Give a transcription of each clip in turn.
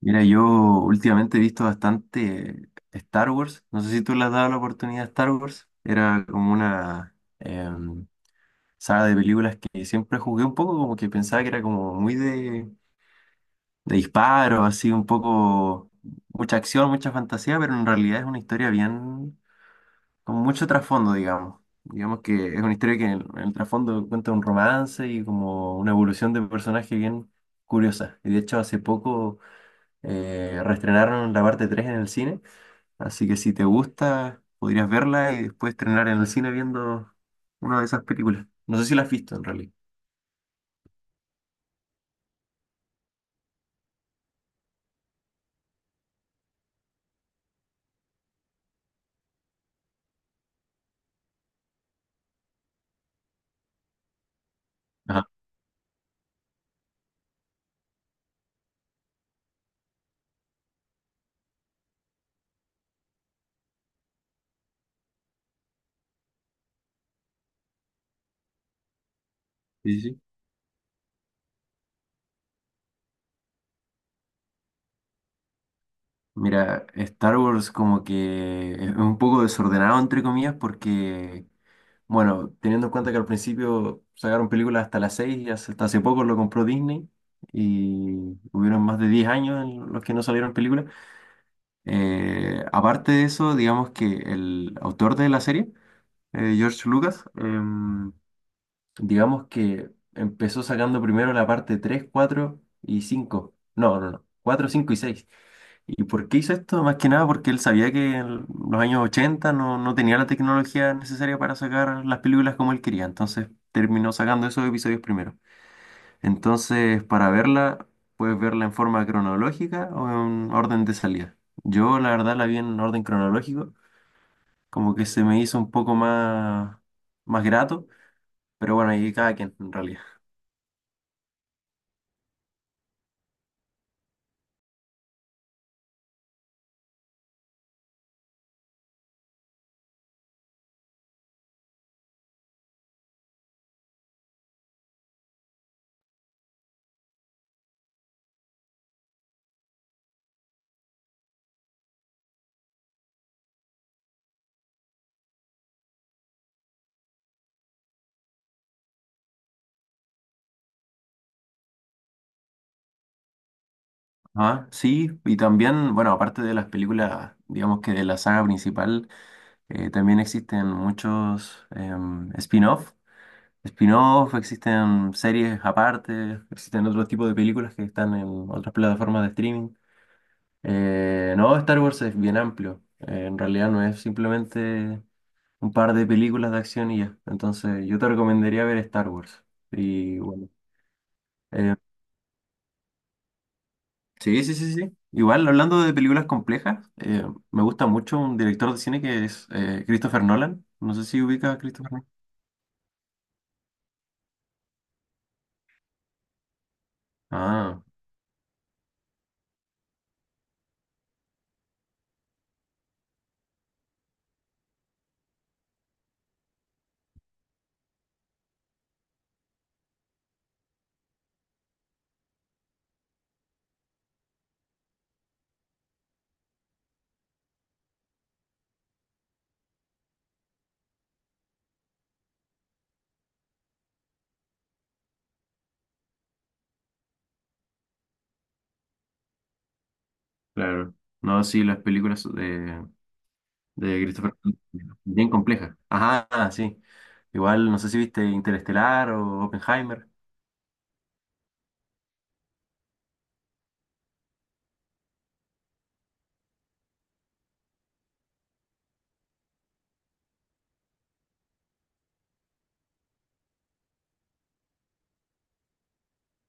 Mira, yo últimamente he visto bastante Star Wars. No sé si tú le has dado la oportunidad a Star Wars. Era como una saga de películas que siempre jugué un poco, como que pensaba que era como muy de disparo, así un poco mucha acción, mucha fantasía, pero en realidad es una historia bien, con mucho trasfondo, digamos. Digamos que es una historia que en el trasfondo cuenta un romance y como una evolución de personaje bien curiosa. Y de hecho hace poco reestrenaron la parte 3 en el cine, así que si te gusta, podrías verla y después estrenar en el cine viendo una de esas películas. No sé si la has visto en realidad. Ajá. Sí, sí, sí. Mira, Star Wars como que es un poco desordenado, entre comillas, porque, bueno, teniendo en cuenta que al principio sacaron películas hasta las 6 y hasta hace poco lo compró Disney y hubieron más de 10 años en los que no salieron películas. Aparte de eso, digamos que el autor de la serie, George Lucas, digamos que empezó sacando primero la parte 3, 4 y 5. No, no, no. Cuatro, 5 y 6. ¿Y por qué hizo esto? Más que nada porque él sabía que en los años 80 no tenía la tecnología necesaria para sacar las películas como él quería. Entonces terminó sacando esos episodios primero. Entonces, para verla, puedes verla en forma cronológica o en orden de salida. Yo, la verdad, la vi en orden cronológico, como que se me hizo un poco más, más grato, pero bueno, ahí cada quien en realidad. Ah, sí, y también, bueno, aparte de las películas, digamos que de la saga principal, también existen muchos spin-off. Spin-off, existen series aparte, existen otro tipo de películas que están en otras plataformas de streaming. No, Star Wars es bien amplio. En realidad no es simplemente un par de películas de acción y ya. Entonces, yo te recomendaría ver Star Wars. Y bueno. em, Sí, sí, sí, sí. Igual, hablando de películas complejas, me gusta mucho un director de cine que es Christopher Nolan. No sé si ubica a Christopher Nolan. Ah, claro. No, sí, las películas de Christopher Nolan, bien complejas. Ajá, ah, sí. Igual, no sé si viste Interestelar o Oppenheimer.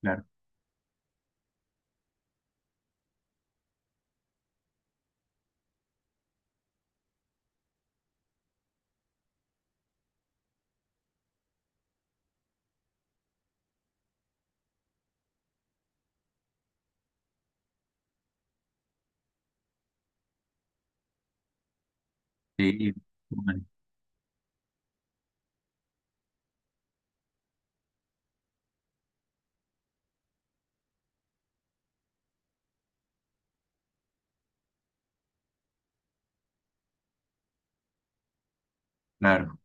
Claro. Sí, bueno, claro.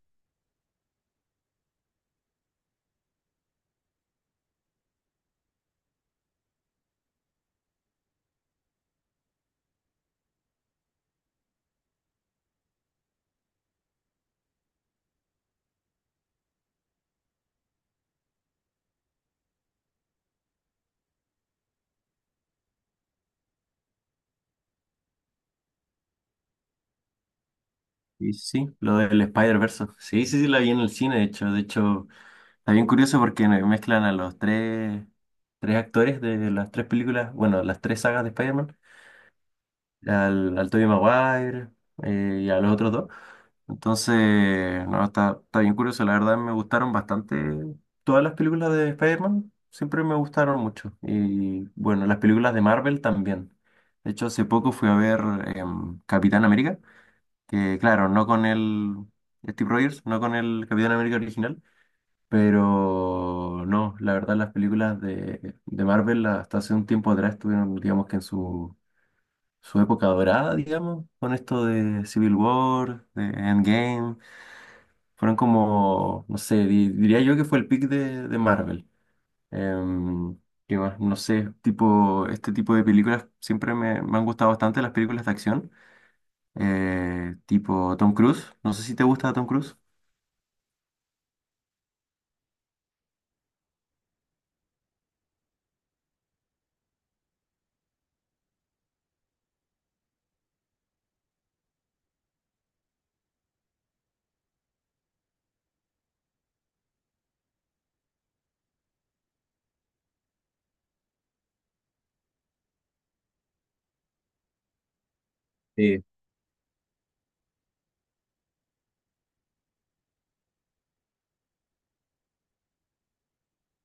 Sí, sí, sí, lo del Spider-Verse. Sí, sí, sí, la vi en el cine, de hecho. De hecho. Está bien curioso porque mezclan a los tres, tres actores de las tres películas, bueno, las tres sagas de Spider-Man, al Tobey Maguire, y a los otros dos. Entonces, no, está, está bien curioso. La verdad me gustaron bastante todas las películas de Spider-Man, siempre me gustaron mucho. Y bueno, las películas de Marvel también. De hecho, hace poco fui a ver Capitán América, que claro, no con el Steve Rogers, no con el Capitán América original, pero no, la verdad las películas de Marvel hasta hace un tiempo atrás estuvieron, digamos que en su, su época dorada, digamos, con esto de Civil War, de Endgame, fueron como, no sé, diría yo que fue el pick de Marvel. Em, ¿Qué más? No sé, tipo, este tipo de películas siempre me, me han gustado bastante las películas de acción, tipo Tom Cruise, no sé si te gusta Tom Cruise.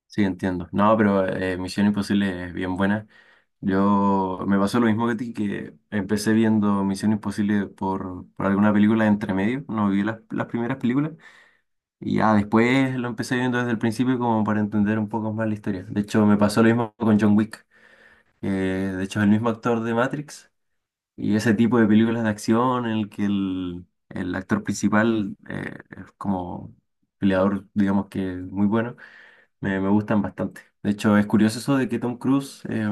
Sí, entiendo. No, pero Misión Imposible es bien buena. Yo me pasó lo mismo que a ti, que empecé viendo Misión Imposible por alguna película entre medio, no vi las primeras películas, y ya después lo empecé viendo desde el principio como para entender un poco más la historia. De hecho, me pasó lo mismo con John Wick, que de hecho es el mismo actor de Matrix, y ese tipo de películas de acción en el que el actor principal es como peleador, digamos que muy bueno, me gustan bastante. De hecho, es curioso eso de que Tom Cruise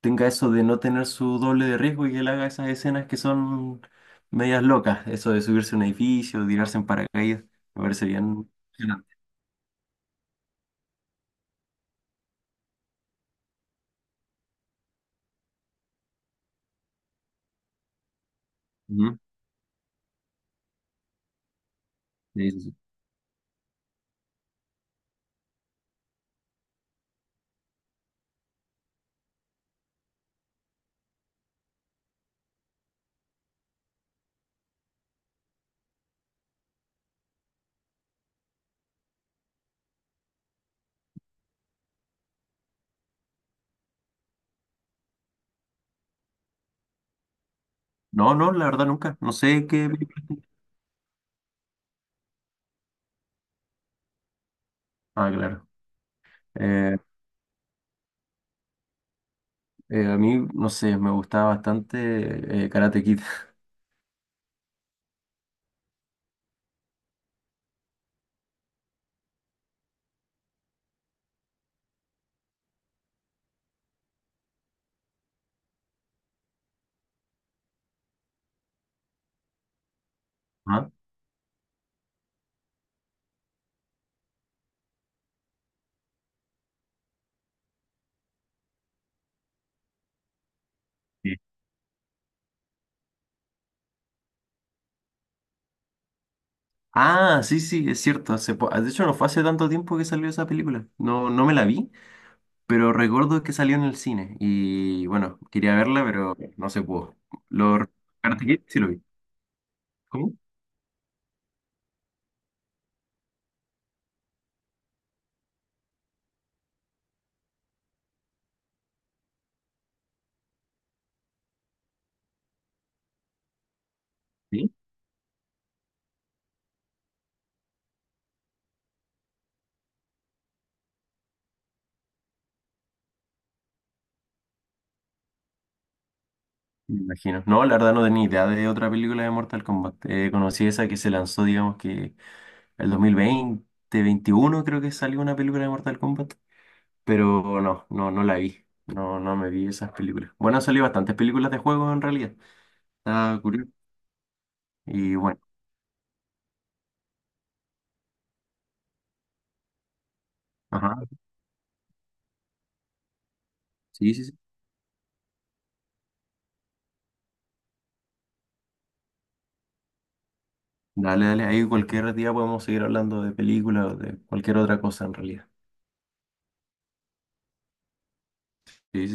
tenga eso de no tener su doble de riesgo y que él haga esas escenas que son medias locas. Eso de subirse a un edificio, tirarse en paracaídas. Me parece bien. Emocionante. Ujú. Sí, sí, sí. No, no, la verdad nunca. No sé qué película-. Ah, claro. Eh, a mí, no sé, me gustaba bastante Karate Kid. Ajá. Sí. Ah, sí, sí, es cierto. De hecho, no fue hace tanto tiempo que salió esa película. No, no me la vi. Pero recuerdo que salió en el cine y bueno, quería verla, pero no se pudo. Lo... Karate Kid sí lo vi. ¿Cómo? Sí, me imagino. No, la verdad no tenía idea de otra película de Mortal Kombat. Conocí esa que se lanzó, digamos que el 2020, 21 creo que salió una película de Mortal Kombat, pero no la vi. No, no me vi esas películas. Bueno, han salido bastantes películas de juego en realidad. Está curioso. Y bueno, ajá, sí, sí, sí. Dale, dale, ahí cualquier día podemos seguir hablando de películas o de cualquier otra cosa en realidad. Sí, sí.